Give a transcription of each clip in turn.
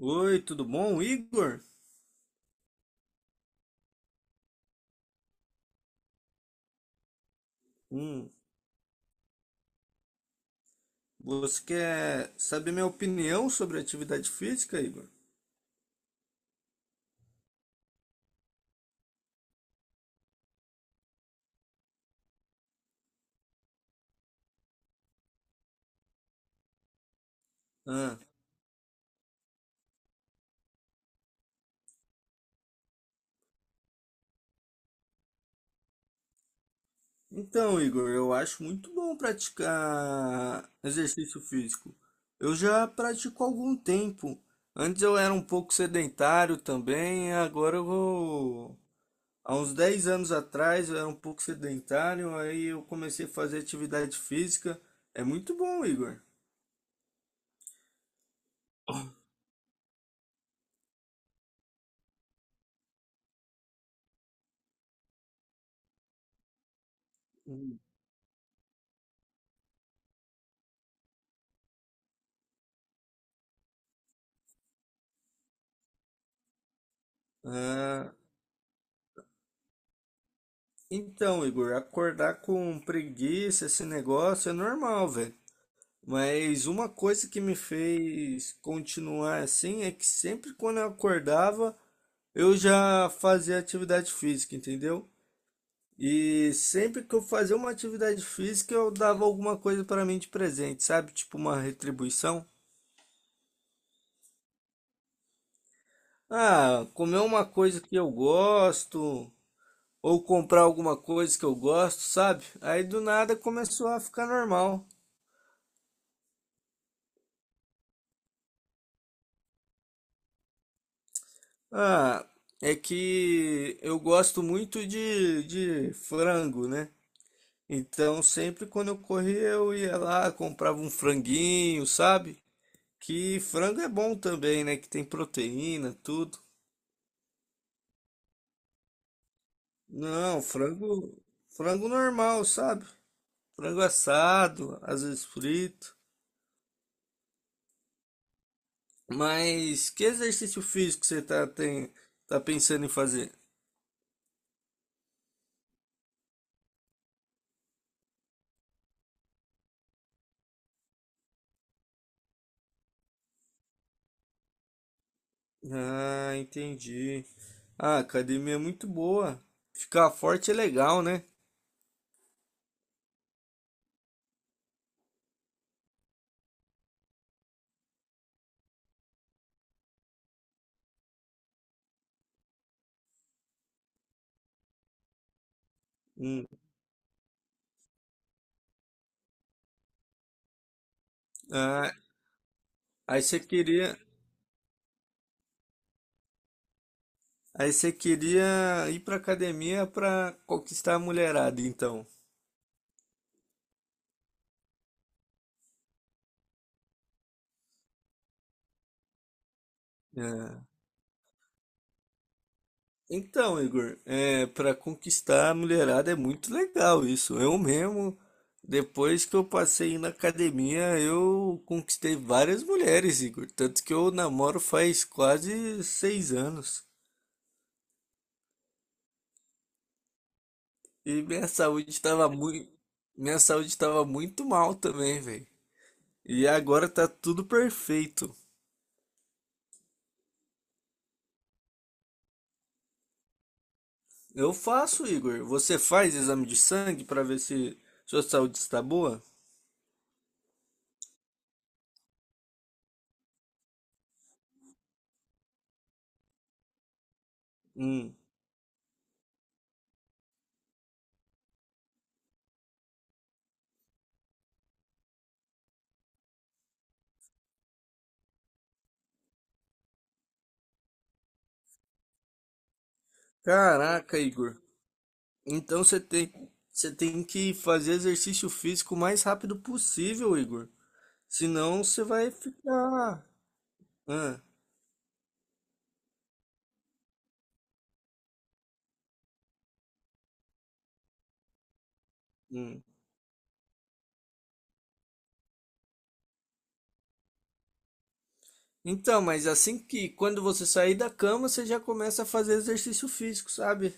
Oi, tudo bom, Igor? Hum, você quer saber minha opinião sobre atividade física, Igor? Ah, então, Igor, eu acho muito bom praticar exercício físico. Eu já pratico há algum tempo. Antes eu era um pouco sedentário também, agora eu vou... Há uns 10 anos atrás eu era um pouco sedentário, aí eu comecei a fazer atividade física. É muito bom, Igor. Hum. Então, Igor, acordar com preguiça, esse negócio é normal, velho. Mas uma coisa que me fez continuar assim é que sempre quando eu acordava, eu já fazia atividade física, entendeu? E sempre que eu fazia uma atividade física, eu dava alguma coisa para mim de presente, sabe? Tipo uma retribuição. Ah, comer uma coisa que eu gosto, ou comprar alguma coisa que eu gosto, sabe? Aí do nada começou a ficar normal. Ah, é que eu gosto muito de frango, né? Então, sempre quando eu corria, eu ia lá, comprava um franguinho, sabe? Que frango é bom também, né? Que tem proteína, tudo. Não, frango, frango normal, sabe? Frango assado, às vezes frito. Mas que exercício físico você tá pensando em fazer? Ah, entendi. Ah, a academia é muito boa. Ficar forte é legal, né? Hum. Ah, aí você queria, aí você queria ir pra academia pra conquistar a mulherada, então. Ah, então, Igor, é, para conquistar a mulherada é muito legal isso. Eu mesmo, depois que eu passei na academia, eu conquistei várias mulheres, Igor. Tanto que eu namoro faz quase 6 anos. E minha saúde estava muito mal também, velho. E agora tá tudo perfeito. Eu faço, Igor. Você faz exame de sangue para ver se sua saúde está boa? Hum. Caraca, Igor. Então você tem, você tem que fazer exercício físico o mais rápido possível, Igor. Senão você vai ficar. Ah, hum. Então, mas assim que quando você sair da cama, você já começa a fazer exercício físico, sabe?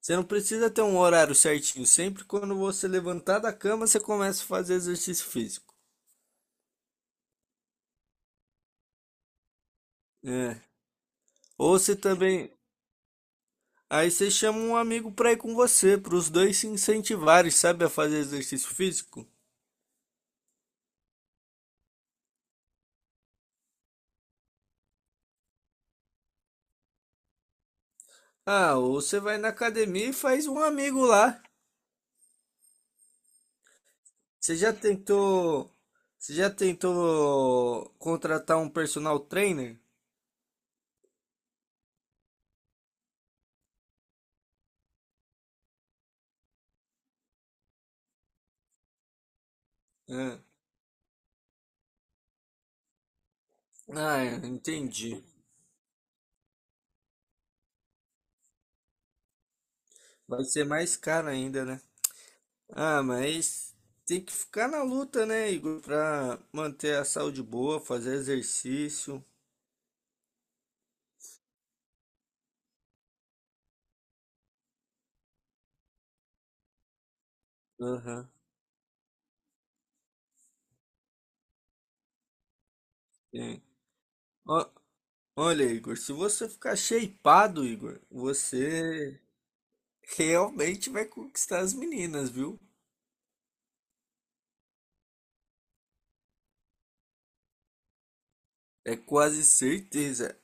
Você não precisa ter um horário certinho. Sempre quando você levantar da cama, você começa a fazer exercício físico. É. Ou você também. Aí você chama um amigo pra ir com você, para os dois se incentivarem, sabe, a fazer exercício físico. Ah, ou você vai na academia e faz um amigo lá. Você já tentou. Você já tentou contratar um personal trainer? É. Ah, é, entendi. Vai ser mais caro ainda, né? Ah, mas tem que ficar na luta, né, Igor, pra manter a saúde boa, fazer exercício. Aham, sim. Ó- Olha, Igor, se você ficar shapeado, Igor, você realmente vai conquistar as meninas, viu? É quase certeza.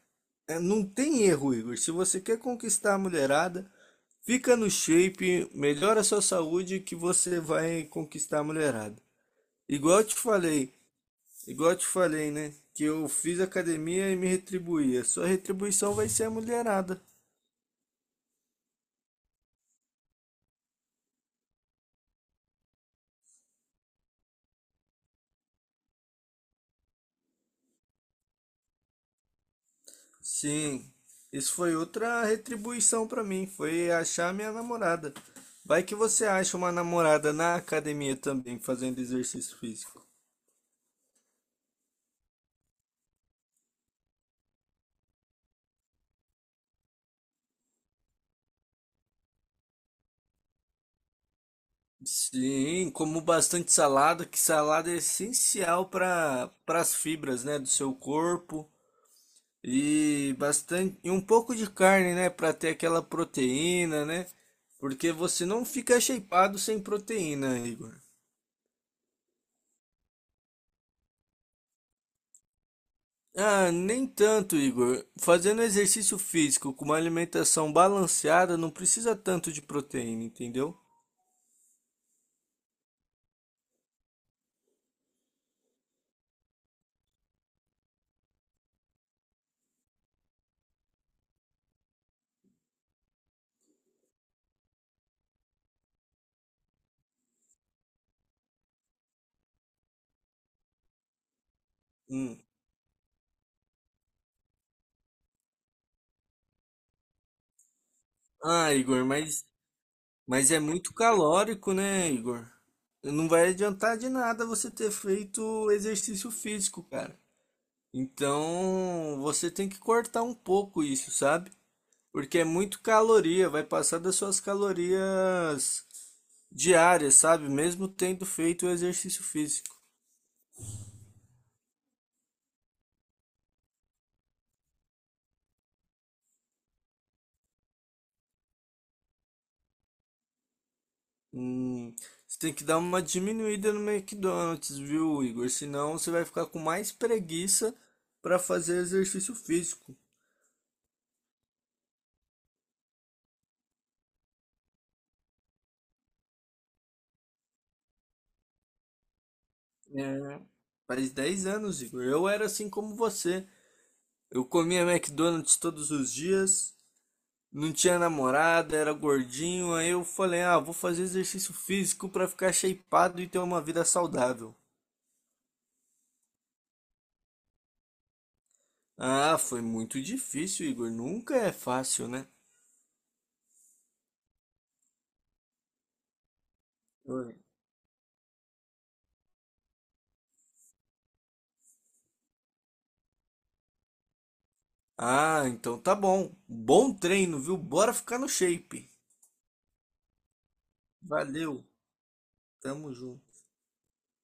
É, não tem erro, Igor. Se você quer conquistar a mulherada, fica no shape, melhora a sua saúde que você vai conquistar a mulherada. Igual eu te falei, Igual eu te falei, né? Que eu fiz academia e me retribuía. Sua retribuição vai ser a mulherada. Sim, isso foi outra retribuição pra mim. Foi achar minha namorada. Vai que você acha uma namorada na academia também, fazendo exercício físico. Sim, como bastante salada, que salada é essencial para as fibras, né, do seu corpo. E bastante, e um pouco de carne, né, para ter aquela proteína, né? Porque você não fica shapeado sem proteína, Igor. Ah, nem tanto, Igor. Fazendo exercício físico com uma alimentação balanceada não precisa tanto de proteína, entendeu? Hum. Ah, Igor, mas é muito calórico, né, Igor? Não vai adiantar de nada você ter feito exercício físico, cara. Então, você tem que cortar um pouco isso, sabe? Porque é muito caloria, vai passar das suas calorias diárias, sabe? Mesmo tendo feito o exercício físico. Hum, você tem que dar uma diminuída no McDonald's, viu, Igor? Senão você vai ficar com mais preguiça para fazer exercício físico. É, faz 10 anos, Igor. Eu era assim como você. Eu comia McDonald's todos os dias, não tinha namorada, era gordinho. Aí eu falei, ah, vou fazer exercício físico pra ficar shapeado e ter uma vida saudável. Ah, foi muito difícil, Igor. Nunca é fácil, né? Foi. Ah, então tá bom. Bom treino, viu? Bora ficar no shape. Valeu, tamo junto.